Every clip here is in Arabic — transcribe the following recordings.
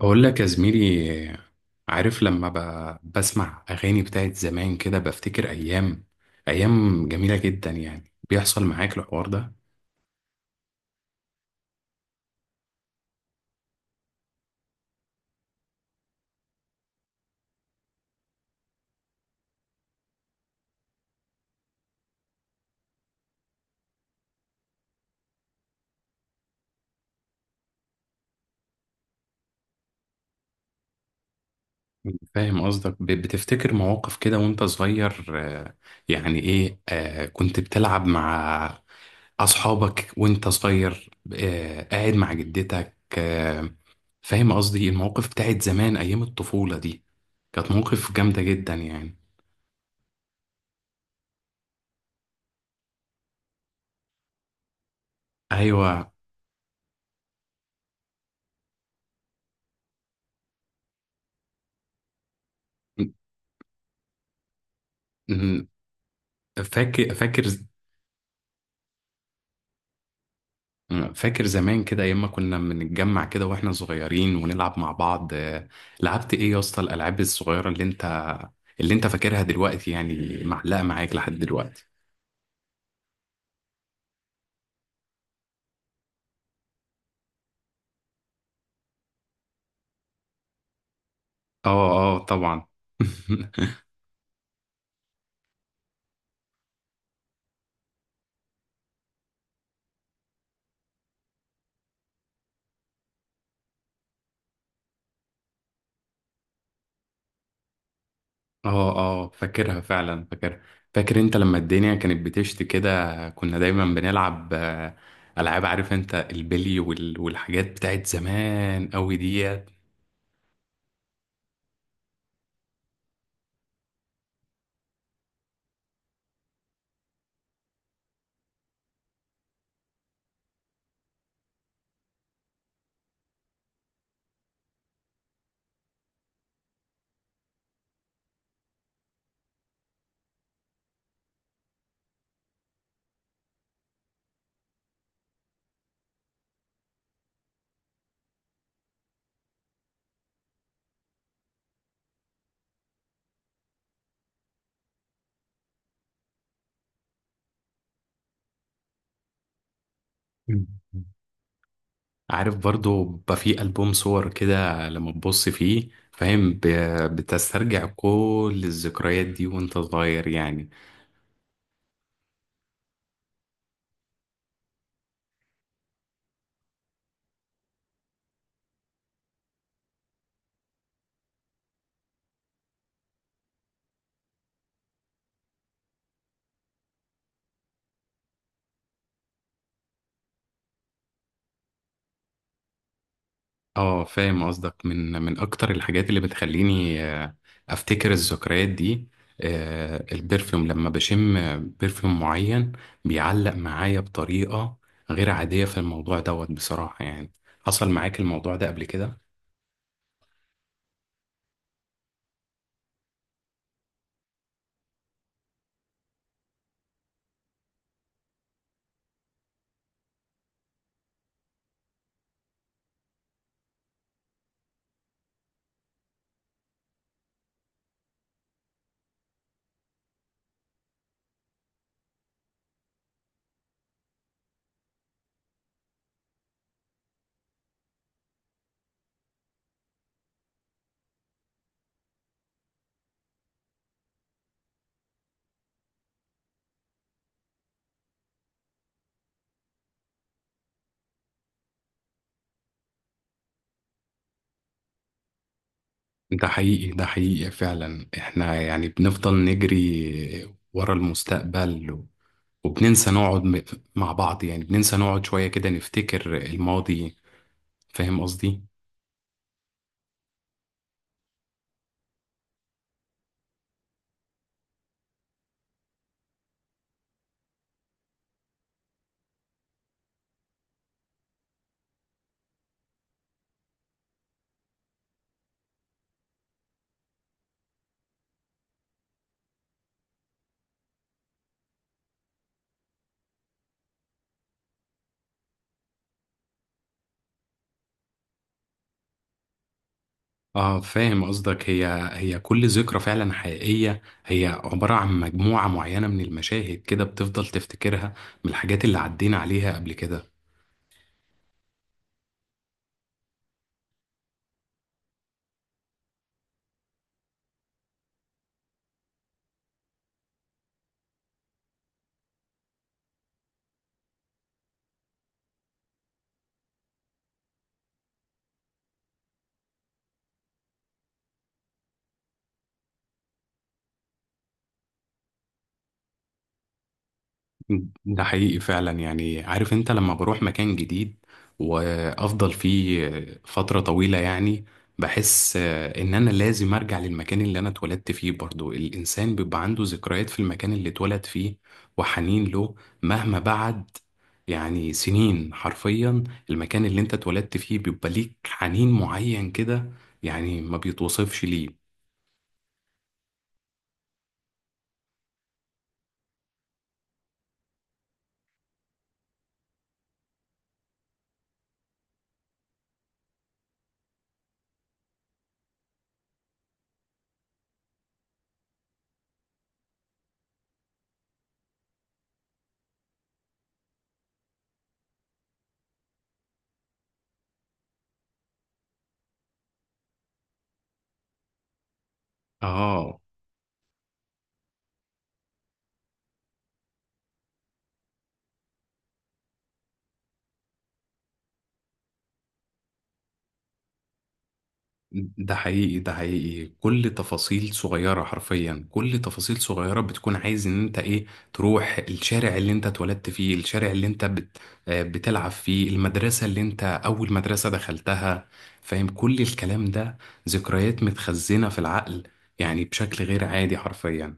أقول لك يا زميلي. عارف لما بسمع أغاني بتاعت زمان كده بفتكر أيام، أيام جميلة جدا يعني. بيحصل معاك الحوار ده؟ فاهم قصدك، بتفتكر مواقف كده وأنت صغير، آه، يعني إيه. كنت بتلعب مع أصحابك وأنت صغير، قاعد مع جدتك. فاهم قصدي؟ المواقف بتاعت زمان أيام الطفولة دي كانت مواقف جامدة جدا يعني. أيوة. م- م- فاكر، فاكر. أنا فاكر زمان كده ايام ما كنا بنتجمع كده واحنا صغيرين ونلعب مع بعض. لعبت ايه يا اسطى؟ الالعاب الصغيره اللي انت فاكرها دلوقتي يعني معلقه معاك لحد دلوقتي؟ اه، اه، طبعا. اه، اه، فاكرها فعلا، فاكرها. فاكر انت لما الدنيا كانت بتشتي كده كنا دايما بنلعب العاب. عارف انت البلي والحاجات بتاعت زمان قوي ديت. عارف برضو بقى في ألبوم صور كده لما تبص فيه فاهم، بتسترجع كل الذكريات دي وانت صغير يعني. اه، فاهم قصدك، من اكتر الحاجات اللي بتخليني افتكر الذكريات دي، البرفيوم. لما بشم برفيوم معين بيعلق معايا بطريقة غير عادية في الموضوع دوت بصراحة يعني. حصل معاك الموضوع ده قبل كده؟ ده حقيقي، ده حقيقي فعلا. احنا يعني بنفضل نجري ورا المستقبل وبننسى نقعد مع بعض يعني. بننسى نقعد شوية كده نفتكر الماضي. فاهم قصدي؟ اه، فاهم قصدك. هي كل ذكرى فعلا حقيقية، هي عبارة عن مجموعة معينة من المشاهد كده بتفضل تفتكرها من الحاجات اللي عدينا عليها قبل كده. ده حقيقي فعلا يعني. عارف انت لما بروح مكان جديد وافضل فيه فترة طويلة يعني بحس ان انا لازم ارجع للمكان اللي انا اتولدت فيه. برضو الانسان بيبقى عنده ذكريات في المكان اللي اتولد فيه وحنين له مهما بعد، يعني سنين حرفيا. المكان اللي انت اتولدت فيه بيبقى ليك حنين معين كده يعني ما بيتوصفش ليه. اه، ده حقيقي، ده حقيقي. كل تفاصيل صغيرة حرفيا، كل تفاصيل صغيرة بتكون عايز ان انت ايه. تروح الشارع اللي انت اتولدت فيه، الشارع اللي انت بت آه، بتلعب فيه، المدرسة اللي انت اول مدرسة دخلتها، فاهم كل الكلام ده. ذكريات متخزنة في العقل يعني بشكل غير عادي حرفيا.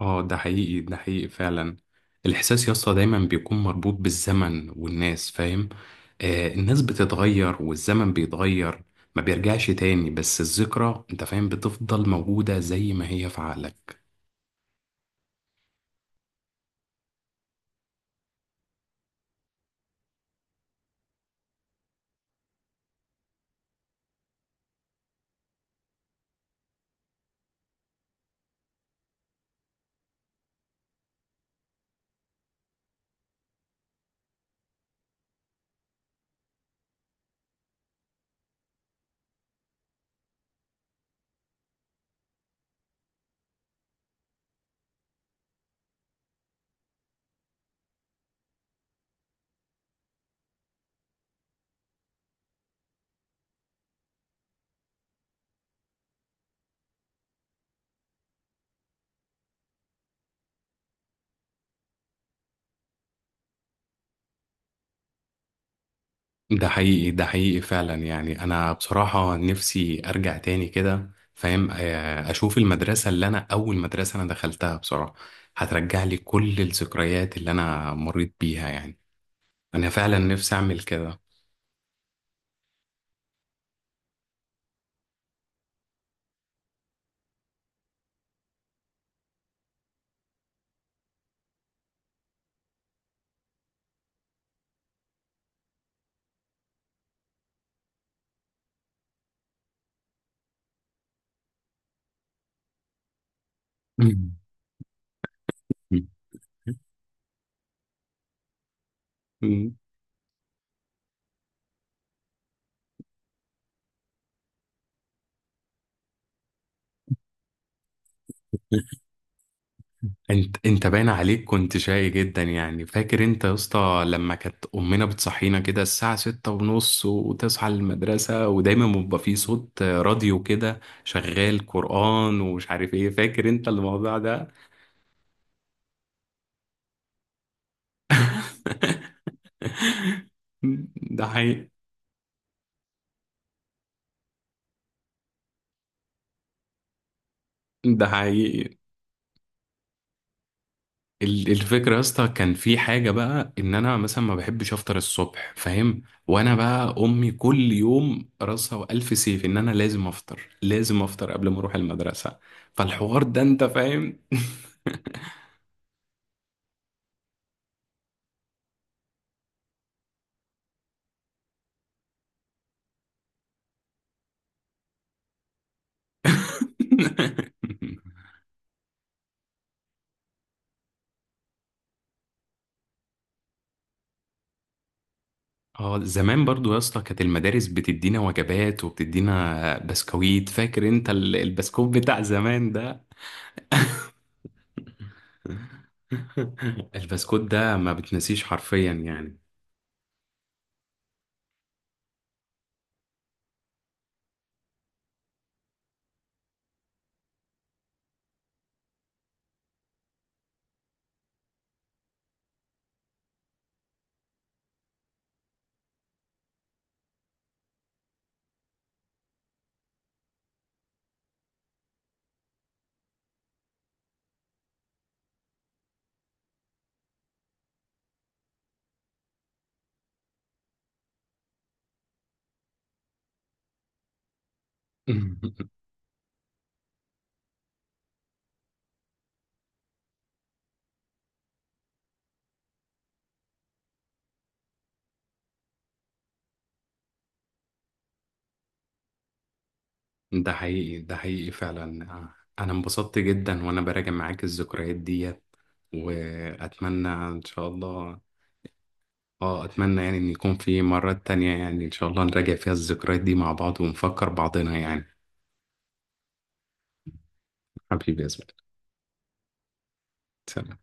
اه، ده حقيقي، ده حقيقي فعلا. الاحساس يا اسطى دايما بيكون مربوط بالزمن والناس فاهم. الناس بتتغير والزمن بيتغير، ما بيرجعش تاني. بس الذكرى انت فاهم بتفضل موجودة زي ما هي في عقلك. ده حقيقي، ده حقيقي فعلا يعني. انا بصراحة نفسي ارجع تاني كده فاهم. اشوف المدرسة اللي انا اول مدرسة انا دخلتها بصراحة. هترجع لي كل الذكريات اللي انا مريت بيها يعني. انا فعلا نفسي اعمل كده. مم. انت، باين عليك كنت شقي جدا يعني. فاكر انت يا اسطى لما كانت امنا بتصحينا كده الساعة 6:30 وتصحى المدرسة ودايما بيبقى فيه صوت راديو كده شغال قرآن ومش عارف ايه؟ فاكر انت الموضوع ده؟ ده حقيقي، ده حقيقي. الفكرة يا اسطى كان في حاجة بقى إن أنا مثلا ما بحبش أفطر الصبح فاهم. وأنا بقى أمي كل يوم راسها وألف سيف إن أنا لازم أفطر، لازم أفطر قبل ما أروح المدرسة. فالحوار ده أنت فاهم. اه، زمان برضو يا اسطى كانت المدارس بتدينا وجبات وبتدينا بسكويت. فاكر انت البسكوت بتاع زمان ده؟ البسكوت ده ما بتنسيش حرفيا يعني. ده حقيقي، ده حقيقي فعلا. انا انبسطت جدا وانا براجع معاك الذكريات ديت واتمنى ان شاء الله. اه، اتمنى يعني ان يكون في مرات تانية يعني ان شاء الله نراجع فيها الذكريات دي مع بعض ونفكر بعضنا يعني. حبيبي يا زميلي، سلام.